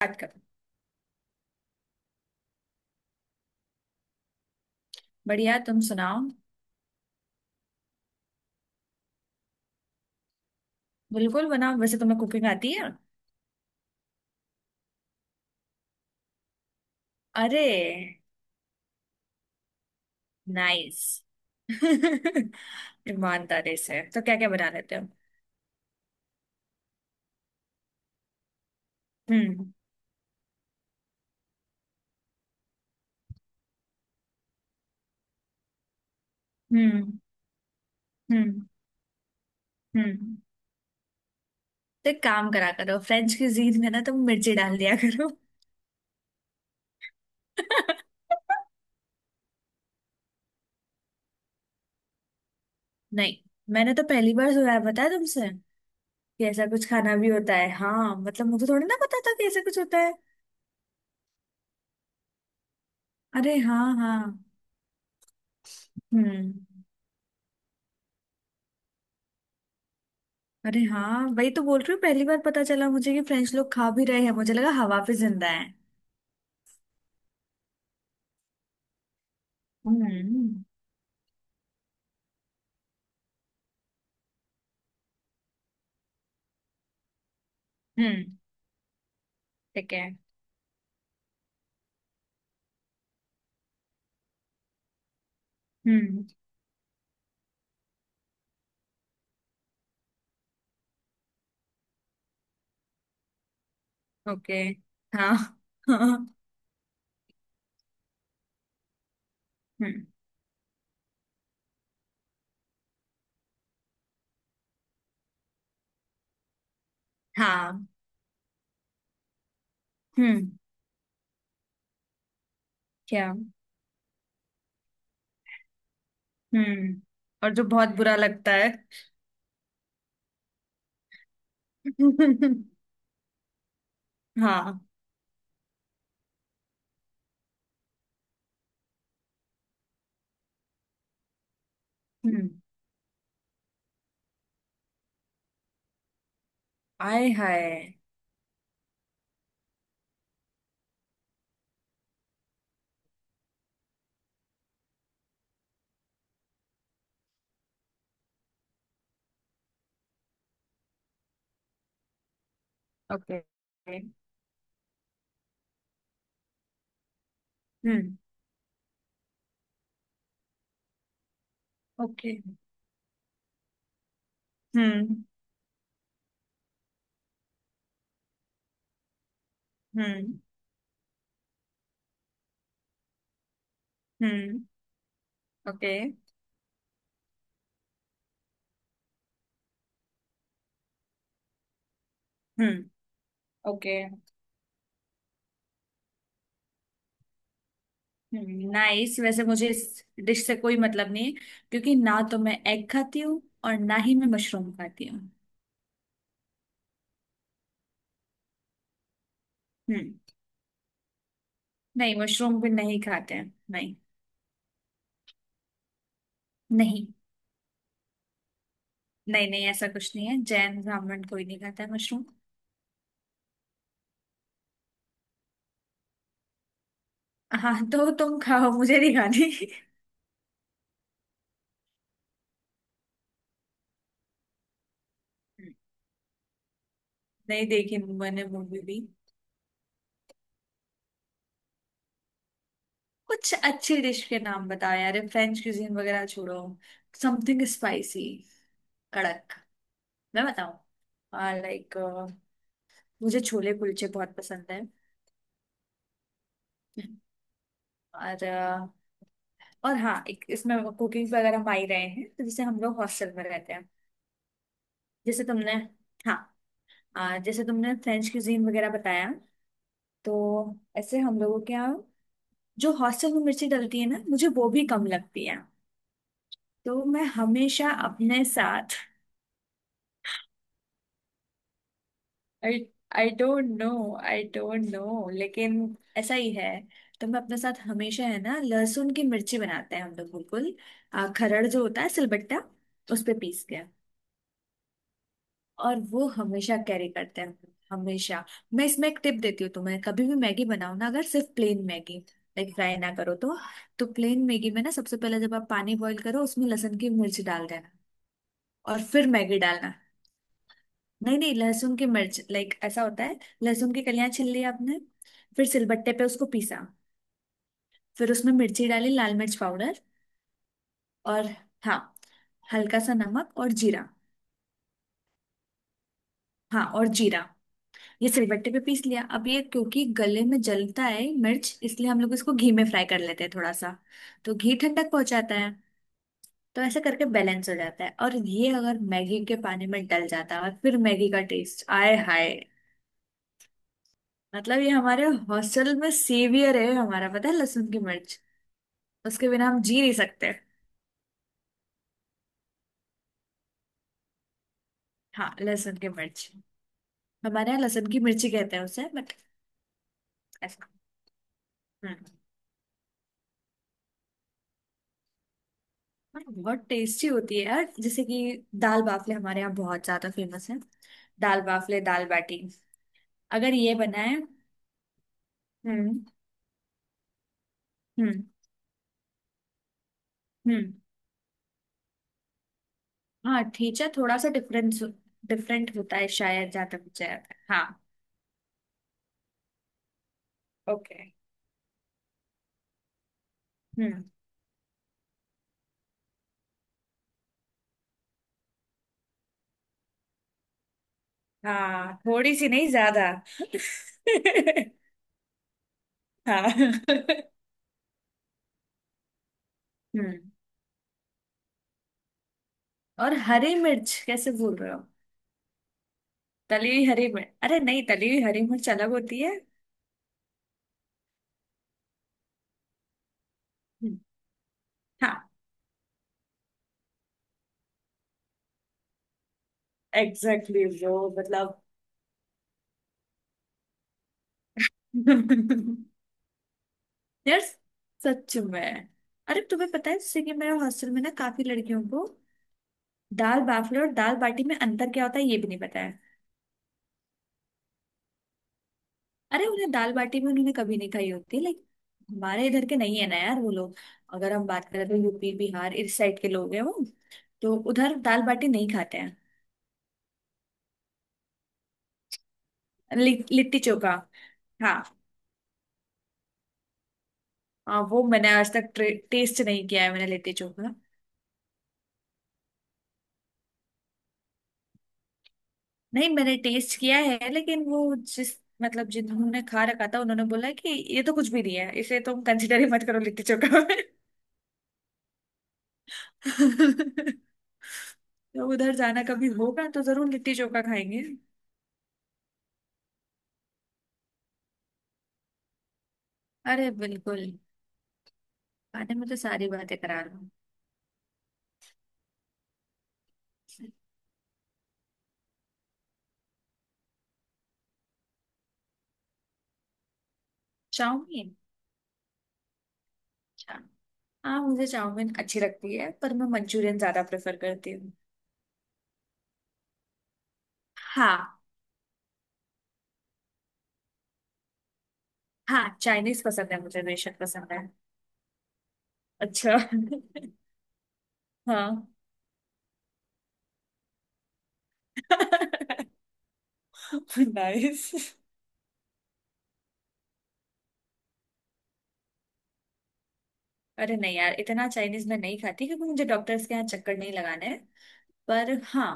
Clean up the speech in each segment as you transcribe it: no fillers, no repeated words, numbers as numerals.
बात कर। बढ़िया, तुम सुनाओ। बिल्कुल बनाओ। वैसे तुम्हें कुकिंग आती है? अरे नाइस। ईमानदारी से तो क्या क्या बना लेते हो? हम्म। हम्म। हम्म। हम्म। तो एक काम करा करो, फ्रेंच क्यूजीन में ना तुम मिर्ची डाल दिया करो। नहीं, मैंने तो पहली बार सुना है, बताया तुमसे कि ऐसा कुछ खाना भी होता है। हाँ मतलब, मुझे थोड़ी ना पता था कि ऐसा कुछ होता है। अरे हाँ हाँ। हम्म। अरे हाँ, वही तो बोल रही हूँ, पहली बार पता चला मुझे कि फ्रेंच लोग खा भी रहे हैं। मुझे लगा हवा पे जिंदा है। हम्म। हम्म। ठीक है। हम्म। ओके। हाँ। हाँ। हम्म। हाँ। हम्म। क्या? हम्म। और जो बहुत बुरा लगता है। हाँ। हम्म। आय हाय। ओके। हम्म। ओके। हम्म। हम्म। हम्म। ओके। हम्म। ओके। नाइस। वैसे मुझे इस डिश से कोई मतलब नहीं है, क्योंकि ना तो मैं एग खाती हूँ और ना ही मैं मशरूम खाती हूँ। हम्म। नहीं, मशरूम भी नहीं खाते हैं। नहीं नहीं। नहीं, नहीं, ऐसा कुछ नहीं है। जैन, ब्राह्मण कोई नहीं खाता है मशरूम। हाँ तो तुम खाओ, मुझे नहीं खानी। हम्म। नहीं देखी मैंने मूवी भी। कुछ अच्छी डिश के नाम बताओ यार, फ्रेंच क्यूजीन वगैरह छोड़ो। Something spicy. कड़क। मैं बताऊं? लाइक मुझे छोले कुलचे बहुत पसंद है। और और हाँ, एक इसमें कुकिंग वगैरह हम आ ही रहे हैं, तो जैसे हम लोग हॉस्टल में रहते हैं। जैसे तुमने हाँ। जैसे तुमने फ्रेंच क्यूजीन वगैरह बताया। तो ऐसे हम लोगों के यहाँ, जो हॉस्टल में मिर्ची डलती है ना, मुझे वो भी कम लगती है। तो मैं हमेशा अपने साथ, I I don't know. I don't know, लेकिन ऐसा ही है। तो मैं अपने साथ हमेशा, है ना, लहसुन की मिर्ची बनाते हैं हम लोग। बिल्कुल, खरड़ जो होता है, सिलबट्टा, उस पे पीस के। और वो हमेशा कैरी करते हैं, हमेशा। मैं इसमें एक टिप देती हूँ तुम्हें, कभी भी मैगी बनाओ ना, अगर सिर्फ प्लेन मैगी, लाइक फ्राई ना करो तो प्लेन मैगी में ना, सबसे पहले जब आप पानी बॉईल करो, उसमें लहसुन की मिर्च डाल देना, और फिर मैगी डालना। नहीं नहीं, लहसुन की मिर्च, लाइक ऐसा होता है, लहसुन की कलियां छील ली आपने, फिर सिलबट्टे पे उसको पीसा, फिर उसमें मिर्ची डाली, लाल मिर्च पाउडर, और हाँ, हल्का सा नमक और जीरा। हाँ, और जीरा। ये सिलबट्टे पे पीस लिया। अब ये क्योंकि गले में जलता है मिर्च, इसलिए हम लोग इसको घी में फ्राई कर लेते हैं थोड़ा सा। तो घी ठंडक पहुंचाता है, तो ऐसे करके बैलेंस हो जाता है। और ये अगर मैगी के पानी में डल जाता है, फिर मैगी का टेस्ट, आय हाय। मतलब ये हमारे हॉस्टल में सेवियर है हमारा, पता है, लहसुन की मिर्च। उसके बिना हम जी नहीं सकते। हाँ, लहसुन की मिर्च। हमारे यहाँ लहसुन की मिर्ची कहते हैं उसे, बट ऐसा। हम्म। और बहुत टेस्टी होती है यार, जैसे कि दाल बाफले हमारे यहाँ बहुत ज्यादा फेमस है। दाल बाफले, दाल बाटी, अगर ये बनाए। हम्म। हम्म। हम्म। हाँ, ठेचा थोड़ा सा डिफरेंस डिफरेंट होता है शायद, जहाँ तक मुझे याद है। हाँ। ओके। हम्म। हाँ, थोड़ी सी नहीं, ज्यादा। हाँ। हम्म। और हरी मिर्च कैसे बोल रहे हो? तली हुई हरी मिर्च, अरे नहीं, तली हुई हरी मिर्च अलग होती है। हम्म। हाँ। एग्जैक्टली, exactly, bro, मतलब। यार, सच में। अरे तुम्हें पता है, सिक्किम में और हॉस्टल में ना, काफी लड़कियों को दाल बाफले और दाल बाटी में अंतर क्या होता है, ये भी नहीं पता है। अरे उन्हें दाल बाटी भी उन्होंने कभी नहीं खाई होती, लाइक हमारे इधर के नहीं है ना यार वो लोग। अगर हम बात करें तो यूपी बिहार इस साइड के लोग हैं वो, तो उधर दाल बाटी नहीं खाते हैं। लिट्टी चोखा। हाँ। हाँ, वो मैंने आज तक टेस्ट नहीं किया है, मैंने लिट्टी चोखा। नहीं, मैंने टेस्ट किया है, लेकिन वो जिस, मतलब जिन्होंने खा रखा था, उन्होंने बोला कि ये तो कुछ भी नहीं है, इसे तुम कंसिडर ही मत करो लिट्टी चोखा में। तो उधर जाना कभी होगा तो जरूर लिट्टी चोखा खाएंगे। अरे बिल्कुल। खाने में तो सारी बातें करार हूँ। चाउमीन? अच्छा। हाँ, मुझे चाउमीन अच्छी लगती है, पर मैं मंचूरियन ज्यादा प्रेफर करती हूँ। हाँ। हाँ, चाइनीज पसंद है मुझे, बेशक पसंद है। अच्छा। हाँ। नाइस। अरे नहीं यार, इतना चाइनीज मैं नहीं खाती, क्योंकि मुझे डॉक्टर्स के यहाँ चक्कर नहीं लगाना है। पर हाँ।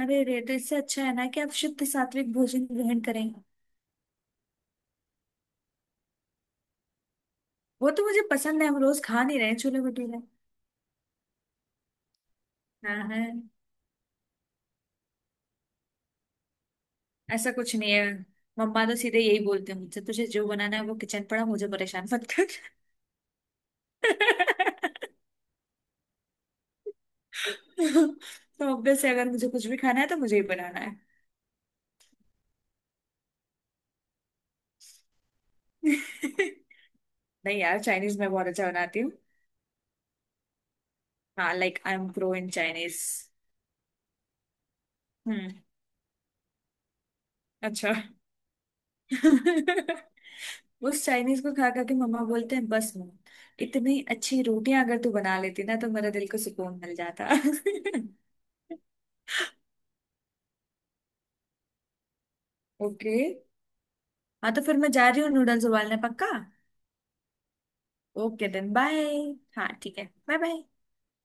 अरे रे, तो इससे अच्छा है ना कि आप शुद्ध सात्विक भोजन ग्रहण करें। वो तो मुझे पसंद है, हम रोज खा नहीं रहे छोले भटूरे। हाँ हाँ। ऐसा कुछ नहीं है। मम्मा तो सीधे यही बोलते हैं मुझसे, तुझे जो बनाना है वो, किचन पड़ा, मुझे परेशान मत कर। तो ऑब्वियस है, अगर मुझे कुछ भी खाना है तो मुझे ही बनाना है। नहीं यार, चाइनीज मैं बहुत अच्छा बनाती हूँ। हाँ, like I am pro in Chinese. हम्म। अच्छा। उस चाइनीज को खा खा के मम्मा बोलते हैं, बस मम्मा, इतनी अच्छी रोटियां अगर तू बना लेती ना, तो मेरा दिल को सुकून मिल जाता। ओके। हाँ, तो फिर मैं जा रही हूँ नूडल्स उबालने। पक्का। Okay then bye. हाँ ठीक है, बाय बाय।